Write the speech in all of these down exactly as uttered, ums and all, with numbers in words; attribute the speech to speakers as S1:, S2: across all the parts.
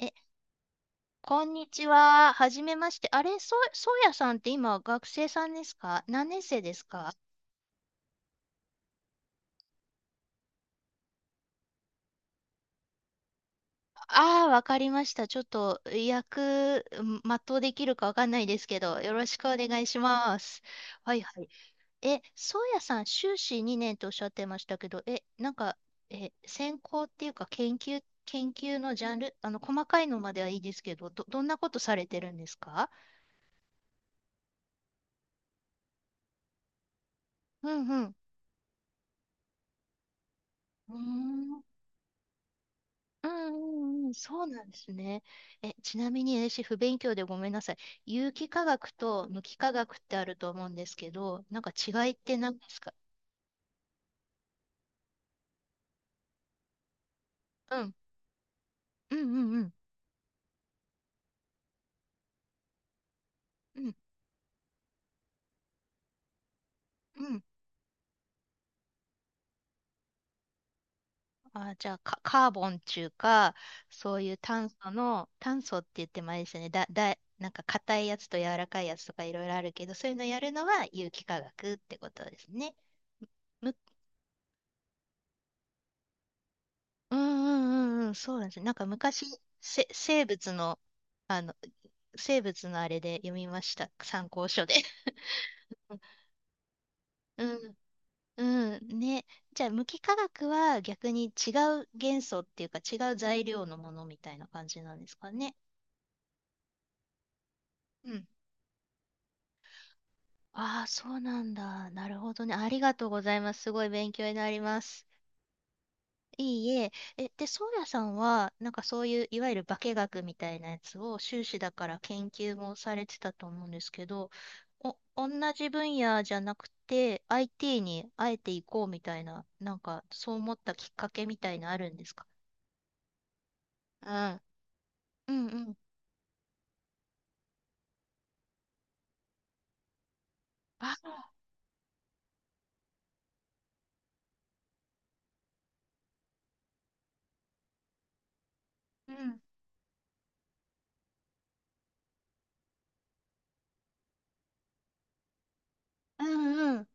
S1: え、こんにちは。はじめまして。あれ、そう、そうやさんって今学生さんですか？何年生ですか？ああー、わかりました。ちょっと役、ん全うできるかわかんないですけど、よろしくお願いします。はいはい。え、そうやさん、修士にねんとおっしゃってましたけど、え、なんか、え、専攻っていうか研究、研究のジャンル、あの、細かいのまではいいですけど、ど、どんなことされてるんですか？うんうん。うーんうんうんうん、そうなんですね。え、ちなみに私、不勉強でごめんなさい。有機化学と無機化学ってあると思うんですけど、なんか違いって何ですか？うん、うんうんうん、うん、うん。あ、じゃあ、カカーボンっていうか、そういう炭素の、炭素って言ってもあれですよね。だ、だ、なんか硬いやつと柔らかいやつとかいろいろあるけど、そういうのやるのは有機化学ってことですね。無うんうんうんうん、そうなんですね。なんか昔、せ、生物の、あの、生物のあれで読みました。参考書で。うん、うん、ね。じゃあ、無機化学は逆に違う元素っていうか違う材料のものみたいな感じなんですかね。うん。ああ、そうなんだ。なるほどね。ありがとうございます。すごい勉強になります。いいえ。え、で、ソーヤさんは、なんかそういう、いわゆる化学みたいなやつを、修士だから研究もされてたと思うんですけど、お、同じ分野じゃなくて、アイティー にあえていこうみたいな、なんか、そう思ったきっかけみたいなあるんですか？うん。うんうん。あ、うん。うんうん。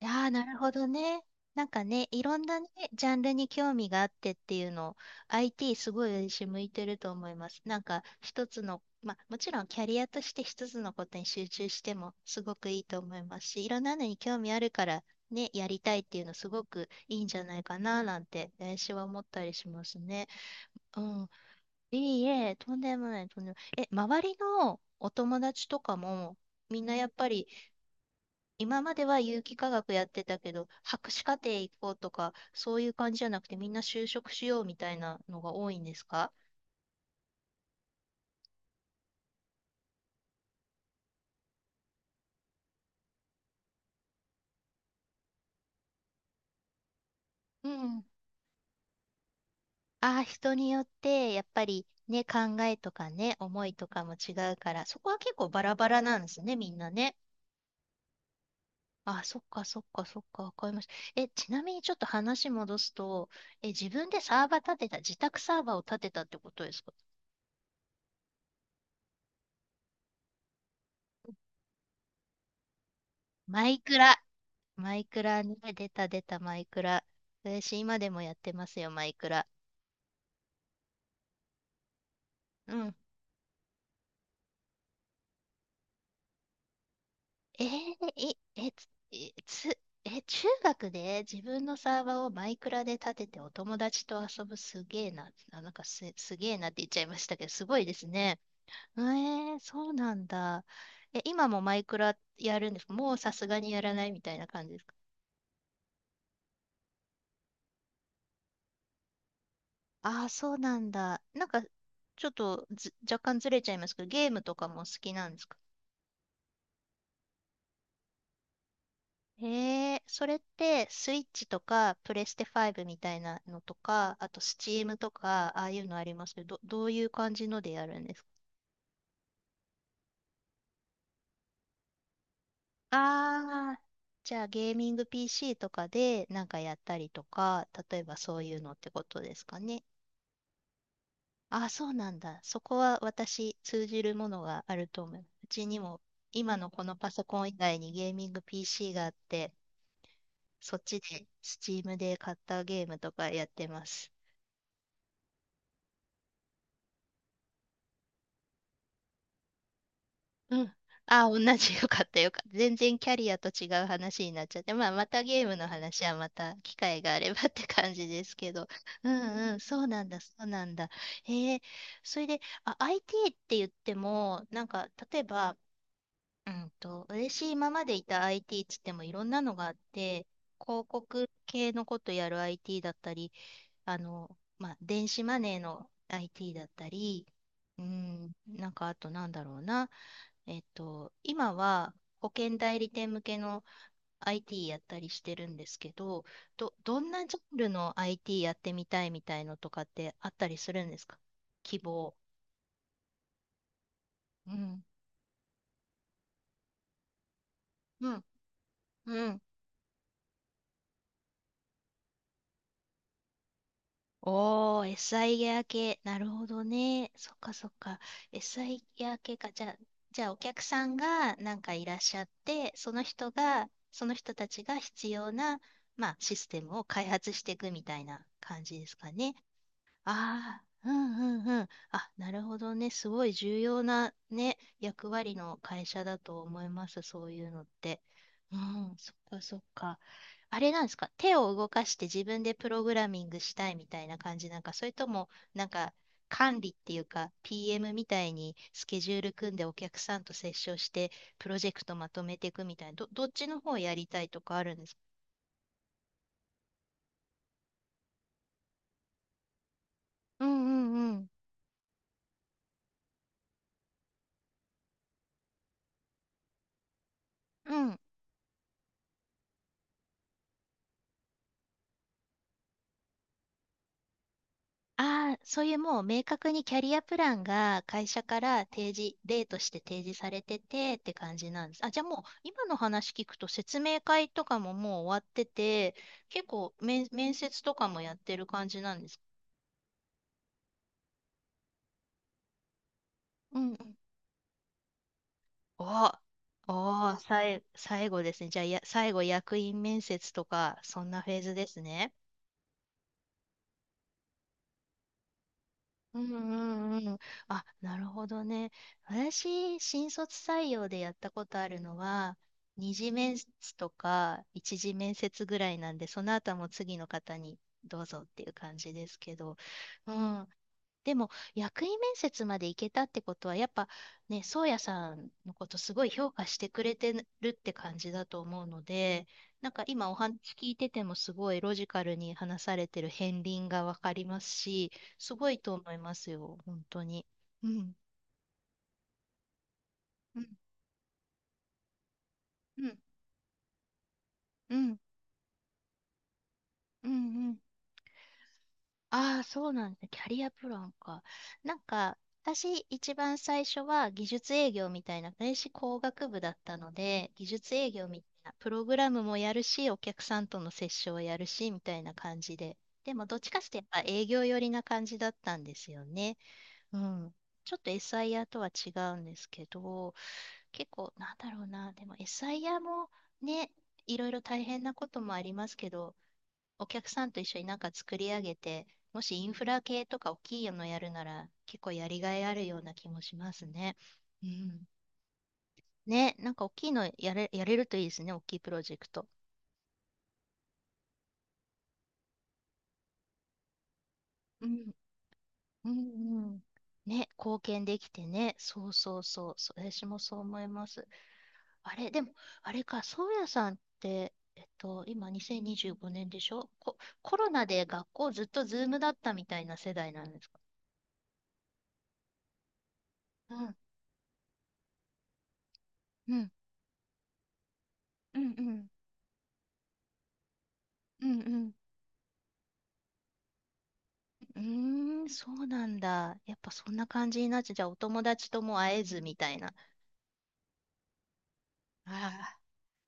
S1: いやーなるほどね。なんかね、いろんなね、ジャンルに興味があってっていうのを、アイティー すごい私向いてると思います。なんか一つの、まあもちろんキャリアとして一つのことに集中してもすごくいいと思いますし、いろんなのに興味あるからね、やりたいっていうのすごくいいんじゃないかななんて、私は思ったりしますね。うん。いいえ、とんでもない、とんでもない。え、周りのお友達とかも、みんなやっぱり今までは有機化学やってたけど、博士課程行こうとか、そういう感じじゃなくて、みんな就職しようみたいなのが多いんですか？うん。ああ、人によって、やっぱりね、考えとかね、思いとかも違うから、そこは結構バラバラなんですね、みんなね。ああ、そっか、そっか、そっか、わかりました。え、ちなみにちょっと話戻すと、え、自分でサーバー立てた、自宅サーバーを立てたってことですか？マイクラ。マイクラね、出た出たマイクラ。私今でもやってますよ、マイクラ。うん。えー、い、え、つ、え、つえ中学で自分のサーバーをマイクラで立ててお友達と遊ぶすげえな。あ、なんかす、すげえなって言っちゃいましたけど、すごいですね。えー、そうなんだ。え、今もマイクラやるんですか？もうさすがにやらないみたいな感じですか？ああー、そうなんだ。なんか、ちょっとず、若干ずれちゃいますけど、ゲームとかも好きなんですか？へえ、それってスイッチとかプレステファイブみたいなのとか、あとスチームとか、ああいうのありますけど、どどういう感じのでやるんですか？ああー、じゃあゲーミング ピーシー とかでなんかやったりとか、例えばそういうのってことですかね。ああ、そうなんだ。そこは私通じるものがあると思う。うちにも今のこのパソコン以外にゲーミング ピーシー があって、そっちでスチームで買ったゲームとかやってます。うん。あ、同じ。よかった、よかった。全然キャリアと違う話になっちゃって、まあ、またゲームの話はまた機会があればって感じですけど。うんうん、そうなんだ、そうなんだ。へえ、それで、あ、アイティー って言っても、なんか、例えば、うんと、私今までいた アイティー っつってもいろんなのがあって、広告系のことやる アイティー だったり、あの、まあ、電子マネーの アイティー だったり、うん、なんかあとなんだろうな。えっと、今は保険代理店向けの アイティー やったりしてるんですけど、ど、どんなジャンルの アイティー やってみたいみたいのとかってあったりするんですか？希望。うん。うん。うん。おー、エスアイ ギア系。なるほどね。そっかそっか。エスアイ ギア系か。じゃあ、じゃあお客さんがなんかいらっしゃって、その人が、その人たちが必要な、まあ、システムを開発していくみたいな感じですかね。ああ、うんうんうん。あ、なるほどね。すごい重要なね、役割の会社だと思います。そういうのって。うん、そっかそっか。あれなんですか。手を動かして自分でプログラミングしたいみたいな感じなんか、それとも、なんか、管理っていうか、ピーエム みたいにスケジュール組んでお客さんと接触して、プロジェクトまとめていくみたいな、ど、どっちの方やりたいとかあるんですか？うんうんうんうん。ああ、そういうもう明確にキャリアプランが会社から提示、例として提示されててって感じなんです。あ、じゃあもう今の話聞くと説明会とかももう終わってて、結構面、面接とかもやってる感じなんですか。うんうん。ああ、さい、最後ですね。じゃあや、最後役員面接とか、そんなフェーズですね。うんうんうん。あ、なるほどね。私、新卒採用でやったことあるのは、二次面接とか一次面接ぐらいなんで、その後はもう次の方にどうぞっていう感じですけど、うん。でも、役員面接まで行けたってことは、やっぱね、宗谷さんのことすごい評価してくれてるって感じだと思うので、なんか今お話聞いててもすごいロジカルに話されてる片鱗がわかりますし、すごいと思いますよ、本当に。うん、うん、うん、うん、うん、うん。ああ、そうなんだ。キャリアプランか。なんか、私一番最初は技術営業みたいな、電子工学部だったので、技術営業みたいな、プログラムもやるし、お客さんとの接触をやるし、みたいな感じで。でも、どっちかしてやっぱ営業寄りな感じだったんですよね。うん。ちょっと エスアイアール とは違うんですけど、結構、なんだろうな、でも エスアイアール もね、いろいろ大変なこともありますけど、お客さんと一緒になんか作り上げて、もしインフラ系とか大きいのやるなら、結構やりがいあるような気もしますね。うん。ね、なんか大きいのやれ、やれるといいですね、大きいプロジェクト。うん、うん、うん。ね、貢献できてね、そうそうそう、そ私もそう思います。あれ、でも、あれか、そうやさんって、えっと、今にせんにじゅうごねんでしょ？ココロナで学校ずっとズームだったみたいな世代なんですか？うん、うん、うん、うん、うん、うん。うーん、そうなんだ。やっぱそんな感じになっちゃう。じゃあお友達とも会えずみたいな。ああ、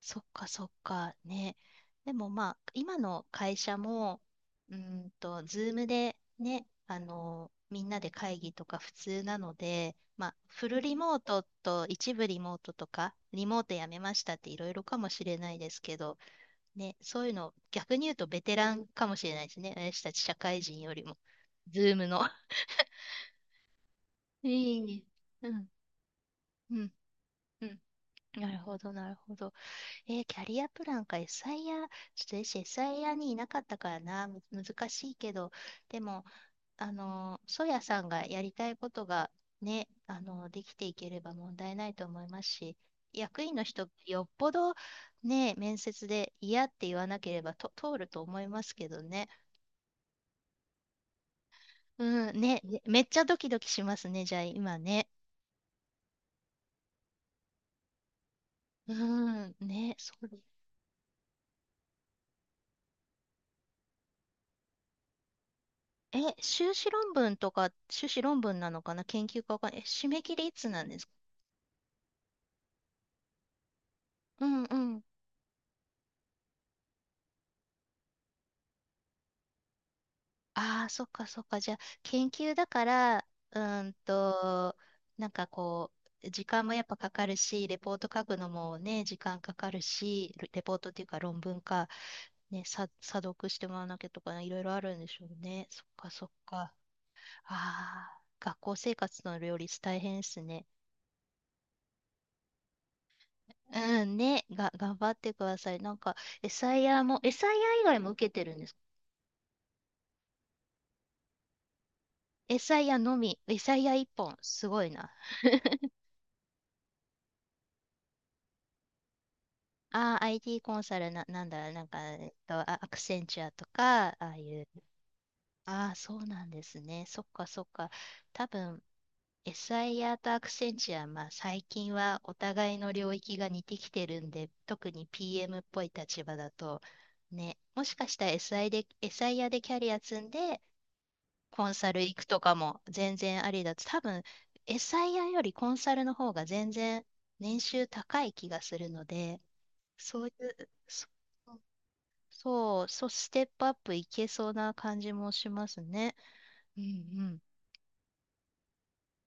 S1: そっかそっか。ね。でもまあ、今の会社も、うーんと、ズームでね、あの、みんなで会議とか普通なので、まあ、フルリモートと一部リモートとか、リモートやめましたっていろいろかもしれないですけど、ね、そういうの、逆に言うとベテランかもしれないですね。私たち社会人よりも、ズームの。いいね。うん、うん。なるほど、なるほど。えーキャリアプランか、エスアイアー、ちょっと私、エスアイアーにいなかったからな、む難しいけど、でも、あのー、ソヤさんがやりたいことがね、あのーできていければ問題ないと思いますし、役員の人、よっぽどね、面接で嫌って言わなければと通ると思いますけどね。うん、ね、めめっちゃドキドキしますね、じゃあ、今ね。うん、ね、そうです。え、修士論文とか、修士論文なのかな研究かわかんない。え、締め切りいつなんですか？うんうん。ああ、そっかそっか。じゃあ、研究だから、うーんと、なんかこう、時間もやっぱかかるし、レポート書くのもね、時間かかるし、レレポートっていうか論文か、ね、さ、査読してもらわなきゃとかね、いろいろあるんでしょうね。そっかそっか。ああ、学校生活の両立大変ですね。うん、ね、が、頑張ってください。なんか、エサイヤも、エサイヤ以外も受けてるんですか？エサイヤのみ、エサイヤ一本、すごいな。ああ、アイティー コンサルな、なんだ、なんか、えっと、あアクセンチュアとか、ああいう、ああ、そうなんですね。そっか、そっか。多分、エサイヤとアクセンチュア、まあ、最近はお互いの領域が似てきてるんで、特に ピーエム っぽい立場だと、ね、もしかしたら エスアイ で、エスアイ でキャリア積んで、コンサル行くとかも全然ありだと、多分 エスアイアー よりコンサルの方が全然年収高い気がするので、そういう、そそう、そう、ステップアップいけそうな感じもしますね。うんうん。